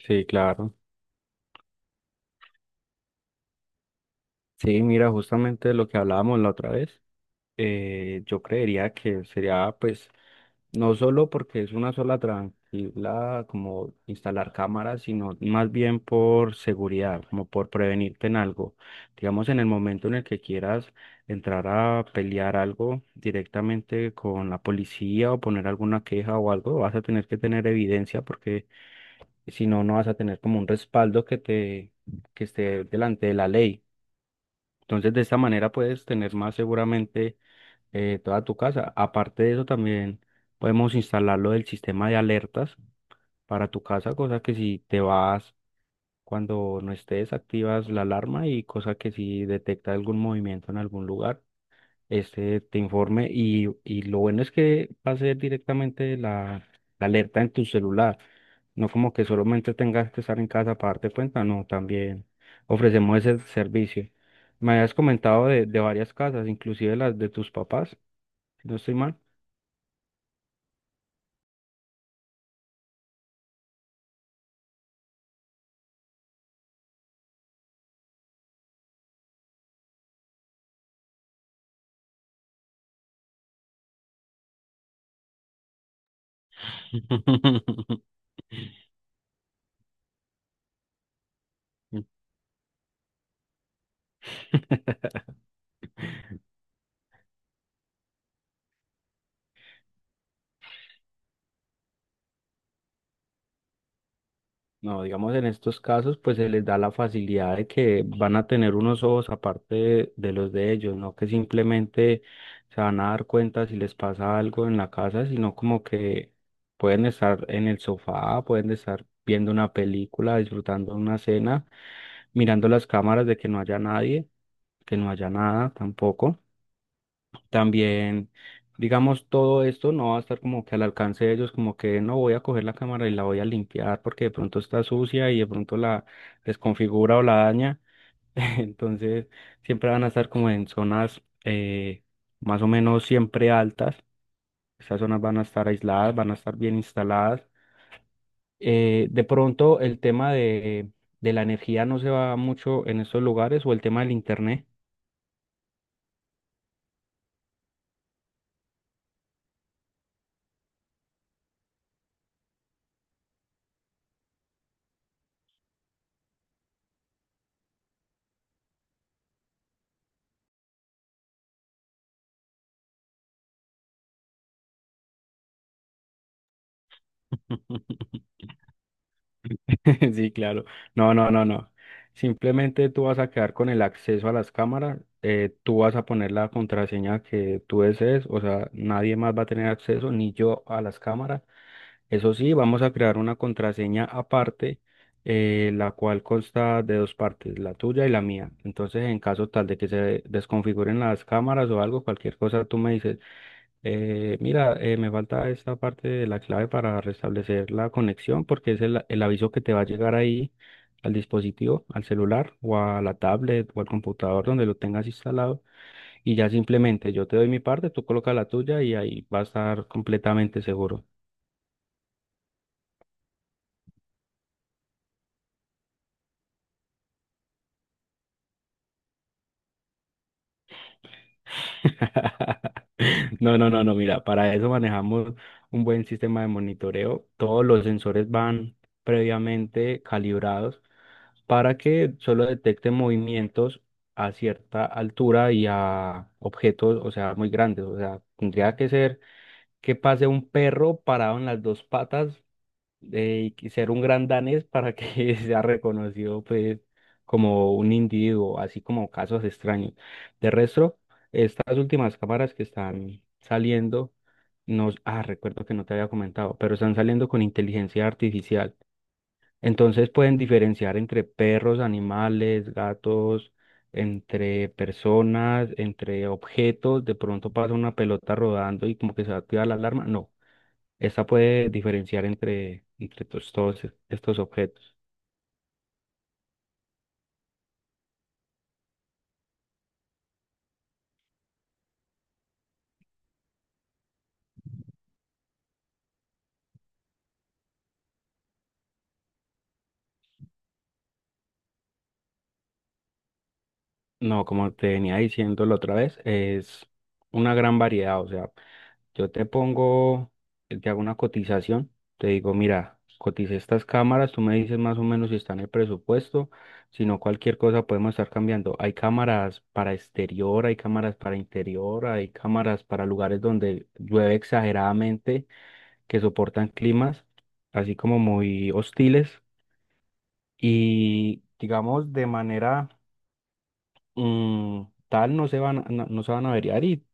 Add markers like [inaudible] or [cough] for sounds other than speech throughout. Sí, claro. Sí, mira, justamente lo que hablábamos la otra vez, yo creería que sería, pues, no solo porque es una sola tranquila como instalar cámaras, sino más bien por seguridad, como por prevenirte en algo. Digamos, en el momento en el que quieras entrar a pelear algo directamente con la policía o poner alguna queja o algo, vas a tener que tener evidencia porque si no, no vas a tener como un respaldo que te, que esté delante de la ley. Entonces, de esta manera puedes tener más seguramente toda tu casa. Aparte de eso, también podemos instalarlo del sistema de alertas para tu casa, cosa que si te vas cuando no estés, activas la alarma y cosa que si detecta algún movimiento en algún lugar este te informe y lo bueno es que va a ser directamente la alerta en tu celular, no como que solamente tengas que estar en casa para darte cuenta, no, también ofrecemos ese servicio. Me habías comentado de varias casas, inclusive las de tus papás, si no estoy mal. [laughs] No, digamos, en estos casos, pues se les da la facilidad de que van a tener unos ojos aparte de los de ellos, no que simplemente se van a dar cuenta si les pasa algo en la casa, sino como que pueden estar en el sofá, pueden estar viendo una película, disfrutando una cena, mirando las cámaras de que no haya nadie, que no haya nada tampoco. También, digamos, todo esto no va a estar como que al alcance de ellos, como que no voy a coger la cámara y la voy a limpiar porque de pronto está sucia y de pronto la desconfigura o la daña. [laughs] Entonces, siempre van a estar como en zonas más o menos siempre altas. Esas zonas van a estar aisladas, van a estar bien instaladas. De pronto, el tema de la energía no se va mucho en estos lugares o el tema del internet. [laughs] [laughs] Sí, claro. No, no, no, no. Simplemente tú vas a quedar con el acceso a las cámaras, tú vas a poner la contraseña que tú desees, o sea, nadie más va a tener acceso, ni yo a las cámaras. Eso sí, vamos a crear una contraseña aparte, la cual consta de dos partes, la tuya y la mía. Entonces, en caso tal de que se desconfiguren las cámaras o algo, cualquier cosa, tú me dices, mira, me falta esta parte de la clave para restablecer la conexión porque es el aviso que te va a llegar ahí al dispositivo, al celular o a la tablet o al computador donde lo tengas instalado y ya simplemente yo te doy mi parte, tú colocas la tuya y ahí va a estar completamente seguro. [laughs] No, no, no, no, mira, para eso manejamos un buen sistema de monitoreo. Todos los sensores van previamente calibrados para que solo detecte movimientos a cierta altura y a objetos, o sea, muy grandes. O sea, tendría que ser que pase un perro parado en las dos patas y ser un gran danés para que [laughs] sea reconocido, pues, como un individuo, así como casos extraños. De resto, estas últimas cámaras que están saliendo, recuerdo que no te había comentado, pero están saliendo con inteligencia artificial. Entonces pueden diferenciar entre perros, animales, gatos, entre personas, entre objetos. De pronto pasa una pelota rodando y como que se va a activar la alarma. No, esta puede diferenciar entre, todos estos objetos. No, como te venía diciendo la otra vez, es una gran variedad. O sea, yo te pongo, te hago una cotización, te digo, mira, cotice estas cámaras, tú me dices más o menos si está en el presupuesto, si no cualquier cosa podemos estar cambiando. Hay cámaras para exterior, hay cámaras para interior, hay cámaras para lugares donde llueve exageradamente, que soportan climas así como muy hostiles y digamos de manera mm, tal no no, no se van a averiar y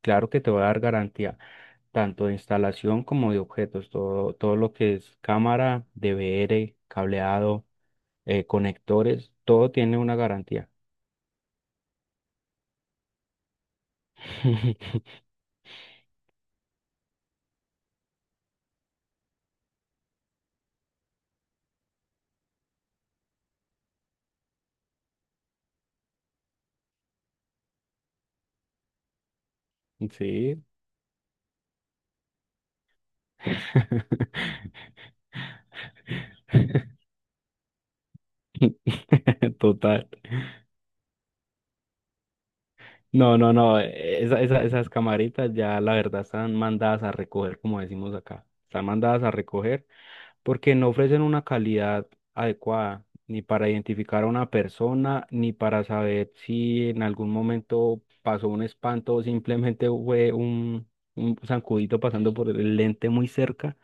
claro que te va a dar garantía tanto de instalación como de objetos, todo, todo lo que es cámara, DVR, cableado, conectores, todo tiene una garantía. [laughs] Sí. [laughs] Total. No, no, no. Esas camaritas ya la verdad están mandadas a recoger, como decimos acá. Están mandadas a recoger porque no ofrecen una calidad adecuada ni para identificar a una persona, ni para saber si en algún momento pasó un espanto o simplemente fue un zancudito pasando por el lente muy cerca,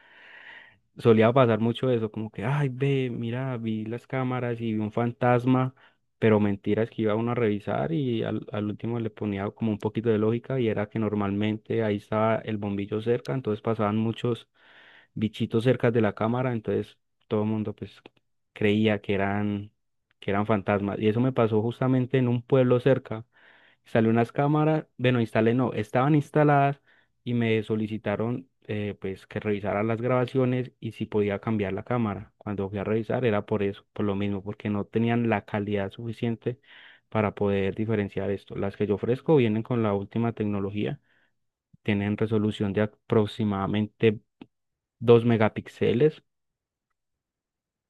solía pasar mucho eso, como que, ay, ve, mira, vi las cámaras y vi un fantasma, pero mentiras que iba uno a revisar y al último le ponía como un poquito de lógica y era que normalmente ahí estaba el bombillo cerca, entonces pasaban muchos bichitos cerca de la cámara, entonces todo el mundo pues creía que eran fantasmas. Y eso me pasó justamente en un pueblo cerca, instalé unas cámaras, bueno, instalé no, estaban instaladas y me solicitaron pues que revisara las grabaciones y si podía cambiar la cámara. Cuando fui a revisar era por eso, por lo mismo, porque no tenían la calidad suficiente para poder diferenciar esto. Las que yo ofrezco vienen con la última tecnología, tienen resolución de aproximadamente 2 megapíxeles.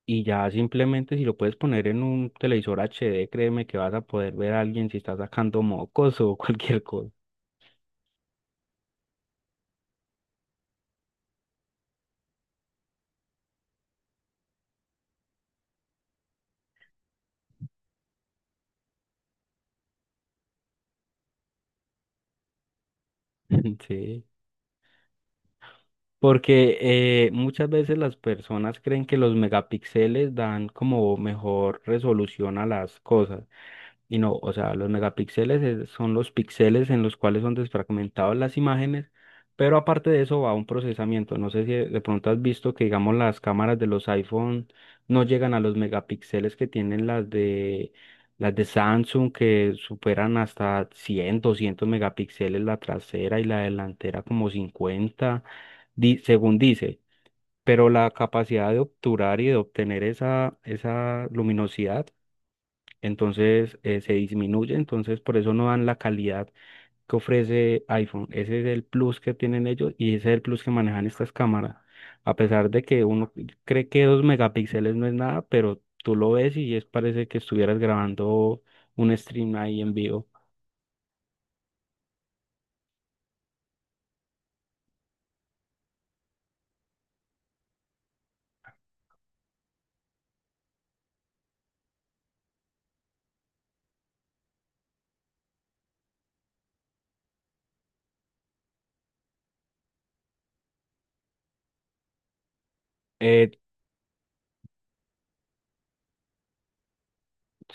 Y ya simplemente si lo puedes poner en un televisor HD, créeme que vas a poder ver a alguien si está sacando mocos [laughs] o cualquier cosa. [laughs] Sí. Porque muchas veces las personas creen que los megapíxeles dan como mejor resolución a las cosas. Y no, o sea, los megapíxeles son los píxeles en los cuales son desfragmentadas las imágenes, pero aparte de eso va un procesamiento. No sé si de pronto has visto que, digamos, las cámaras de los iPhone no llegan a los megapíxeles que tienen las de Samsung, que superan hasta 100, 200 megapíxeles la trasera y la delantera como 50 según dice, pero la capacidad de obturar y de obtener esa luminosidad, entonces se disminuye, entonces por eso no dan la calidad que ofrece iPhone. Ese es el plus que tienen ellos y ese es el plus que manejan estas cámaras. A pesar de que uno cree que 2 megapíxeles no es nada, pero tú lo ves y es parece que estuvieras grabando un stream ahí en vivo. Eh,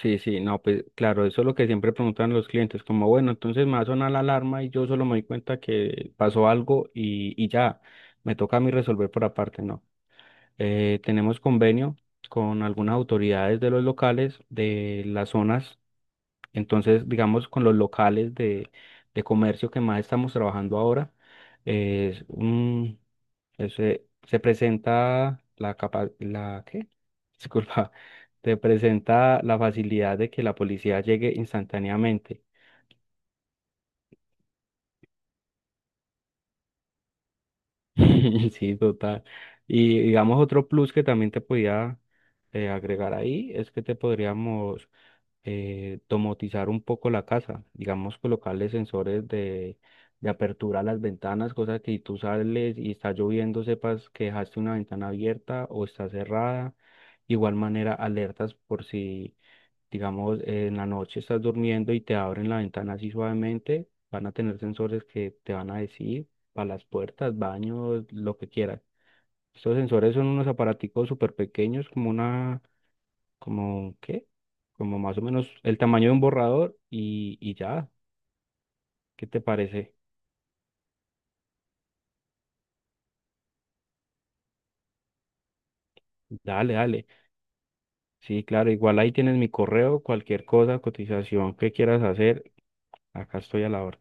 Sí, sí, no, pues claro, eso es lo que siempre preguntan los clientes, como bueno, entonces me va a sonar la alarma y yo solo me doy cuenta que pasó algo y ya, me toca a mí resolver por aparte, ¿no? Tenemos convenio con algunas autoridades de los locales, de las zonas, entonces digamos con los locales de comercio que más estamos trabajando ahora, eh, se presenta la capa, la ¿qué? [laughs] Disculpa, se presenta la facilidad de que la policía llegue instantáneamente. [laughs] Sí, total. Y digamos otro plus que también te podía agregar ahí es que te podríamos domotizar un poco la casa, digamos, colocarle sensores de apertura a las ventanas, cosa que si tú sales y está lloviendo, sepas que dejaste una ventana abierta o está cerrada. Igual manera, alertas por si, digamos, en la noche estás durmiendo y te abren la ventana así suavemente, van a tener sensores que te van a decir para las puertas, baños, lo que quieras. Estos sensores son unos aparaticos súper pequeños, como ¿qué? Como más o menos el tamaño de un borrador y ya, ¿qué te parece? Dale, dale. Sí, claro, igual ahí tienes mi correo, cualquier cosa, cotización que quieras hacer, acá estoy a la hora.